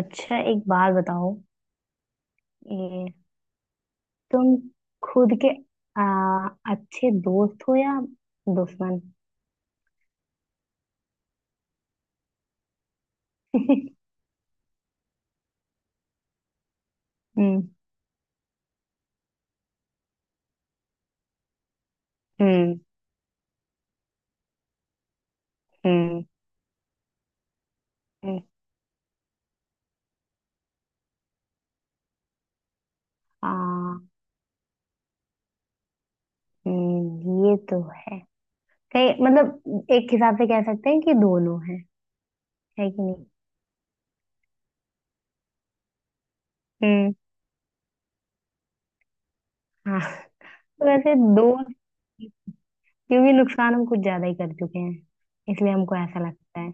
अच्छा, एक बात बताओ। ये तुम खुद के अच्छे दोस्त हो या दुश्मन? हम्म। हम्म। हम्म। हम्म, आ, ये तो है। कहीं मतलब एक हिसाब से कह सकते हैं कि दोनों हैं। है कि नहीं? हम्म। हाँ। तो वैसे दोस्त, क्योंकि नुकसान हम कुछ ज्यादा ही कर चुके हैं, इसलिए हमको ऐसा लगता है।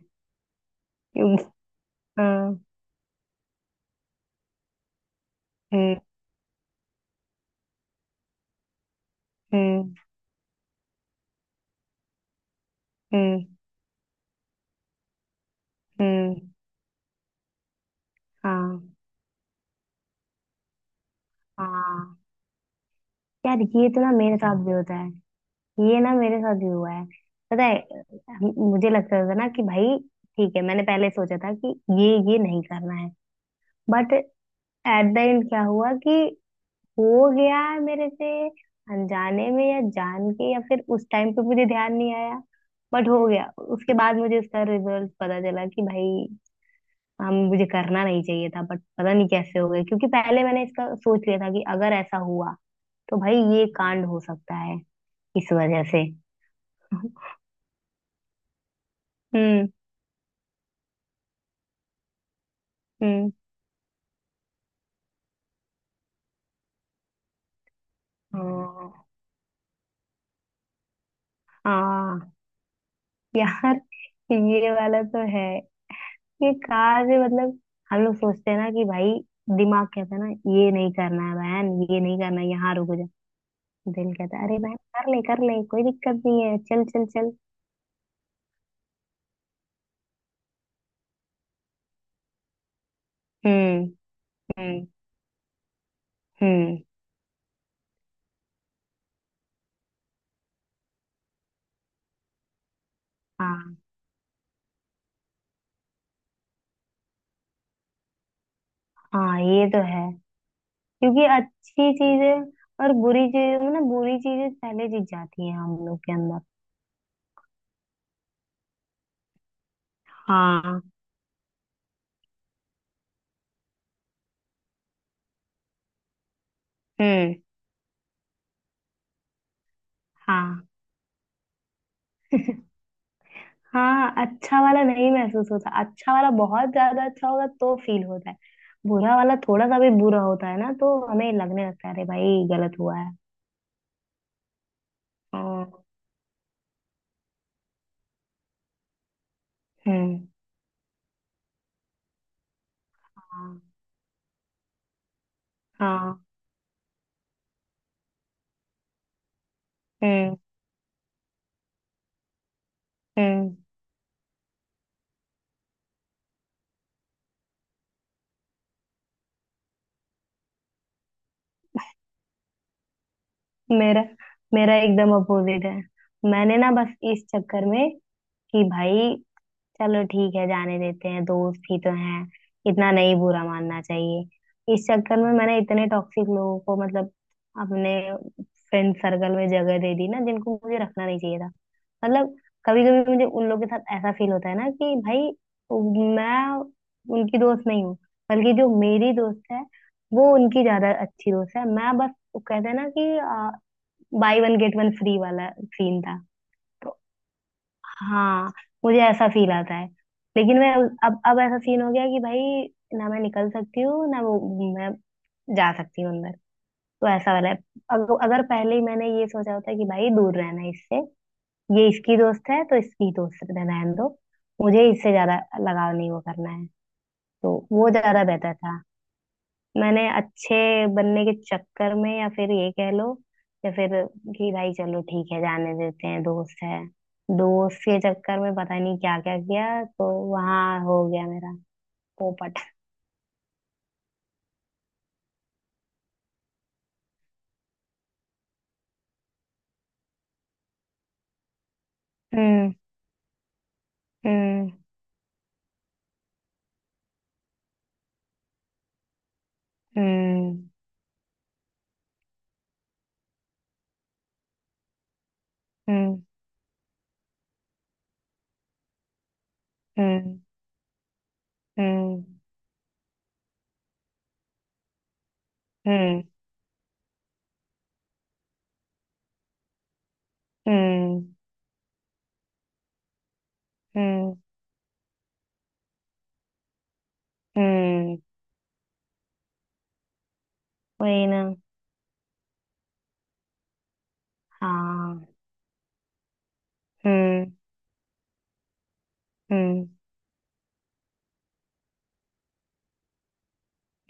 क्योंकि हाँ। हम्म। हम्म। हम्म। हम्म। हाँ। हाँ, यार, ये तो ना मेरे साथ भी होता है। ये ना मेरे साथ भी हुआ है। पता है, मुझे लगता था ना कि भाई ठीक है, मैंने पहले सोचा था कि ये नहीं करना है। बट एट द एंड क्या हुआ कि हो गया है मेरे से, अनजाने में या जान के, या फिर उस टाइम पे मुझे ध्यान नहीं आया। बट हो गया। उसके बाद मुझे इसका रिजल्ट पता चला कि भाई हम मुझे करना नहीं चाहिए था, बट पता नहीं कैसे हो गया, क्योंकि पहले मैंने इसका सोच लिया था कि अगर ऐसा हुआ तो भाई ये कांड हो सकता है, इस वजह से। हम्म। हम्म। हाँ। हाँ, यार, ये वाला तो है। ये कार से मतलब हम लोग सोचते हैं ना कि भाई दिमाग कहता है ना, ये नहीं करना है बहन, ये नहीं करना है, यहाँ रुक जा। दिल कहता है, अरे बहन कर ले कर ले, कोई दिक्कत नहीं है, चल चल चल। हम्म। हम्म। हम्म। हाँ। हाँ, ये तो है। क्योंकि अच्छी चीजें और बुरी चीजें, मतलब बुरी चीजें पहले जीत जाती हैं हम लोग के अंदर। हाँ। हम्म। हाँ। हाँ, अच्छा वाला नहीं महसूस होता, अच्छा वाला बहुत ज्यादा अच्छा होगा तो फील होता है। बुरा वाला थोड़ा सा भी बुरा होता है ना, तो हमें लगने लगता है अरे भाई गलत हुआ है। हाँ। हम्म। हाँ। हाँ। हम्म। हम्म। मेरा, मेरा एकदम अपोजिट है। मैंने ना बस इस चक्कर में कि भाई चलो ठीक है जाने देते हैं, दोस्त ही तो हैं, इतना नहीं बुरा मानना चाहिए। इस चक्कर में मैंने इतने टॉक्सिक लोगों को मतलब अपने फ्रेंड सर्कल में जगह दे दी ना, जिनको मुझे रखना नहीं चाहिए था। मतलब कभी कभी मुझे उन लोगों के साथ ऐसा फील होता है ना कि भाई मैं उनकी दोस्त नहीं हूँ, बल्कि जो मेरी दोस्त है वो उनकी ज्यादा अच्छी दोस्त है, मैं बस वो कहते हैं ना कि buy one get one free वाला सीन था। तो हाँ, मुझे ऐसा फील आता है। लेकिन मैं अब ऐसा सीन हो गया कि भाई ना मैं निकल सकती हूँ ना वो, मैं जा सकती हूँ अंदर। तो ऐसा वाला है। अगर अगर पहले ही मैंने ये सोचा होता कि भाई दूर रहना है इससे, ये इसकी दोस्त है तो इसकी दोस्त रहना है दो, मुझे इससे ज्यादा लगाव नहीं वो करना है, तो वो ज्यादा बेहतर था। मैंने अच्छे बनने के चक्कर में, या फिर ये कह लो, या फिर कि भाई चलो ठीक है जाने देते हैं दोस्त है, दोस्त के चक्कर में पता नहीं क्या क्या किया, तो वहां हो गया मेरा पोपट। हम्म। हम्म। हम्म। हम्म। हम्म। हम्म। हम्म। हम्म। हम्म। हम्म, वही ना। हाँ। हम्म। हम्म।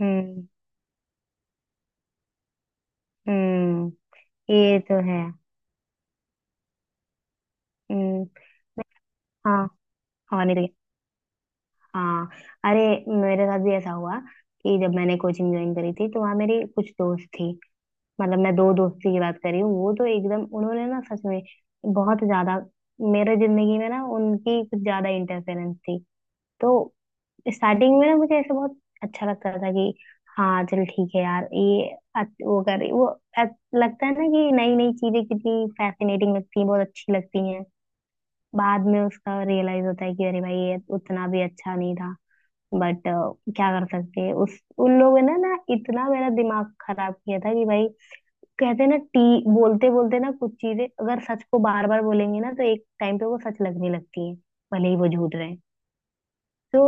हम्म। हम्म। ये तो है। हम्म। हाँ। और नहीं तो क्या? हाँ, अरे, मेरे साथ भी ऐसा हुआ कि जब मैंने कोचिंग ज्वाइन करी थी तो वहाँ मेरी कुछ दोस्त थी। मतलब मैं दो दोस्ती की बात कर रही हूँ। वो तो एकदम उन्होंने ना सच में बहुत ज्यादा मेरे जिंदगी में ना उनकी कुछ ज्यादा इंटरफेरेंस थी। तो स्टार्टिंग में ना मुझे ऐसा बहुत अच्छा लगता था कि हाँ चल ठीक है यार, ये वो कर रही, वो लगता है ना कि नई नई चीजें कितनी फैसिनेटिंग लगती हैं, बहुत अच्छी लगती हैं। बाद में उसका रियलाइज होता है कि अरे भाई ये उतना भी अच्छा नहीं था। बट क्या कर सकते हैं, उस उन लोगों ने ना इतना मेरा दिमाग खराब किया था कि भाई, कहते हैं ना, टी बोलते बोलते ना, कुछ चीजें अगर सच को बार बार बोलेंगे ना तो एक टाइम पे वो सच लगने लगती है, भले ही वो झूठ रहे। तो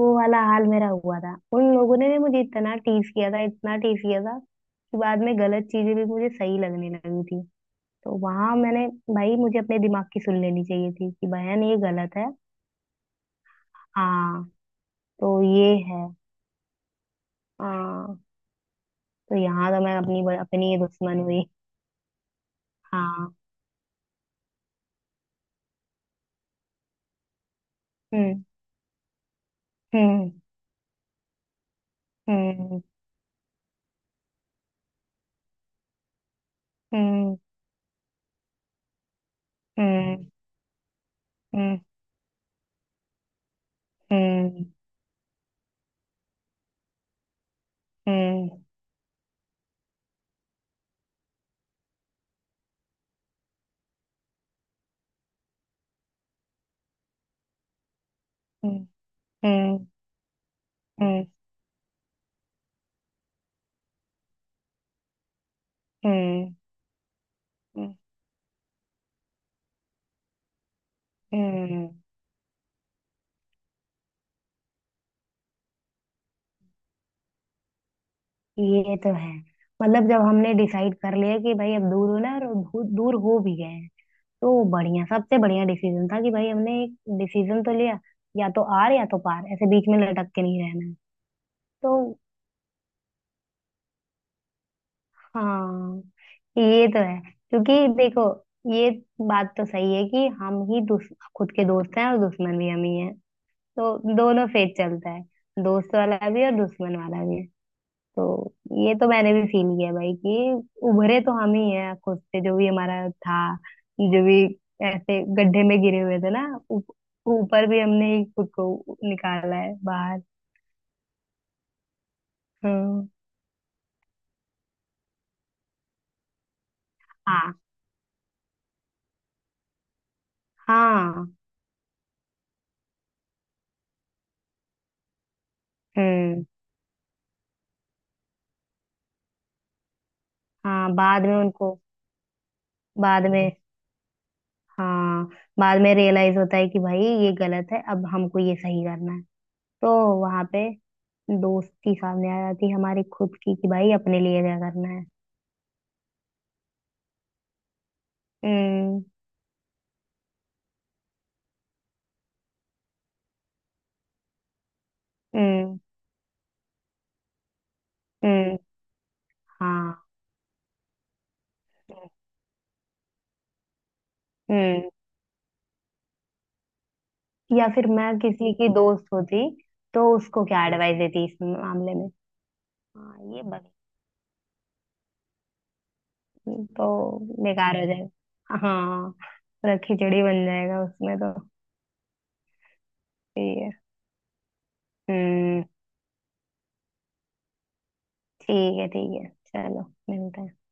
वो वाला हाल मेरा हुआ था, उन लोगों ने भी मुझे इतना टीज किया था, इतना टीज किया था कि बाद में गलत चीजें भी मुझे सही लगने लगी थी। तो वहां मैंने, भाई मुझे अपने दिमाग की सुन लेनी चाहिए थी कि बहन ये गलत है। हाँ। तो ये है। हाँ, तो यहाँ तो मैं अपनी अपनी ही दुश्मन हुई। हाँ। हम्म। हम्म। हम्म। हम्म। हम्म। हम्म। हम्म। हम्म। हम्म। हम्म। हम्म। हम्म। हम्म, ये तो है। मतलब जब हमने डिसाइड कर लिया कि भाई अब दूर होना है, और दूर दूर हो भी गए हैं, तो वो बढ़िया, सबसे बढ़िया डिसीजन था कि भाई हमने एक डिसीजन तो लिया। या तो आर या तो पार, ऐसे बीच में लटक के नहीं रहना है। तो हाँ, ये तो है। क्योंकि देखो, ये बात तो सही है कि हम ही खुद के दोस्त हैं और दुश्मन भी हम ही हैं। तो दोनों फेज चलता है, दोस्त वाला भी और दुश्मन वाला भी। तो ये तो मैंने भी फील किया भाई कि उभरे तो हम ही हैं खुद से, जो भी हमारा था, जो भी ऐसे गड्ढे में गिरे हुए थे ना, ऊप- ऊपर भी हमने ही खुद को निकाला है बाहर। हम्म। हाँ। हाँ। हम्म। हाँ, बाद में उनको। बाद में, हाँ, बाद में रियलाइज होता है कि भाई ये गलत है, अब हमको ये सही करना है। तो वहां पे दोस्ती सामने आ जाती है हमारी खुद की, कि भाई अपने लिए क्या करना है। हम्म। हम्म। हम्म। हाँ। हम्म। या फिर मैं किसी की दोस्त होती तो उसको क्या एडवाइस देती इस मामले में। हाँ, ये बस। तो बेकार हो जाएगा, हाँ, पूरा खिचड़ी बन जाएगा उसमें तो। ठीक है। हम्म। ठीक है, ठीक है, चलो, मिलते हैं।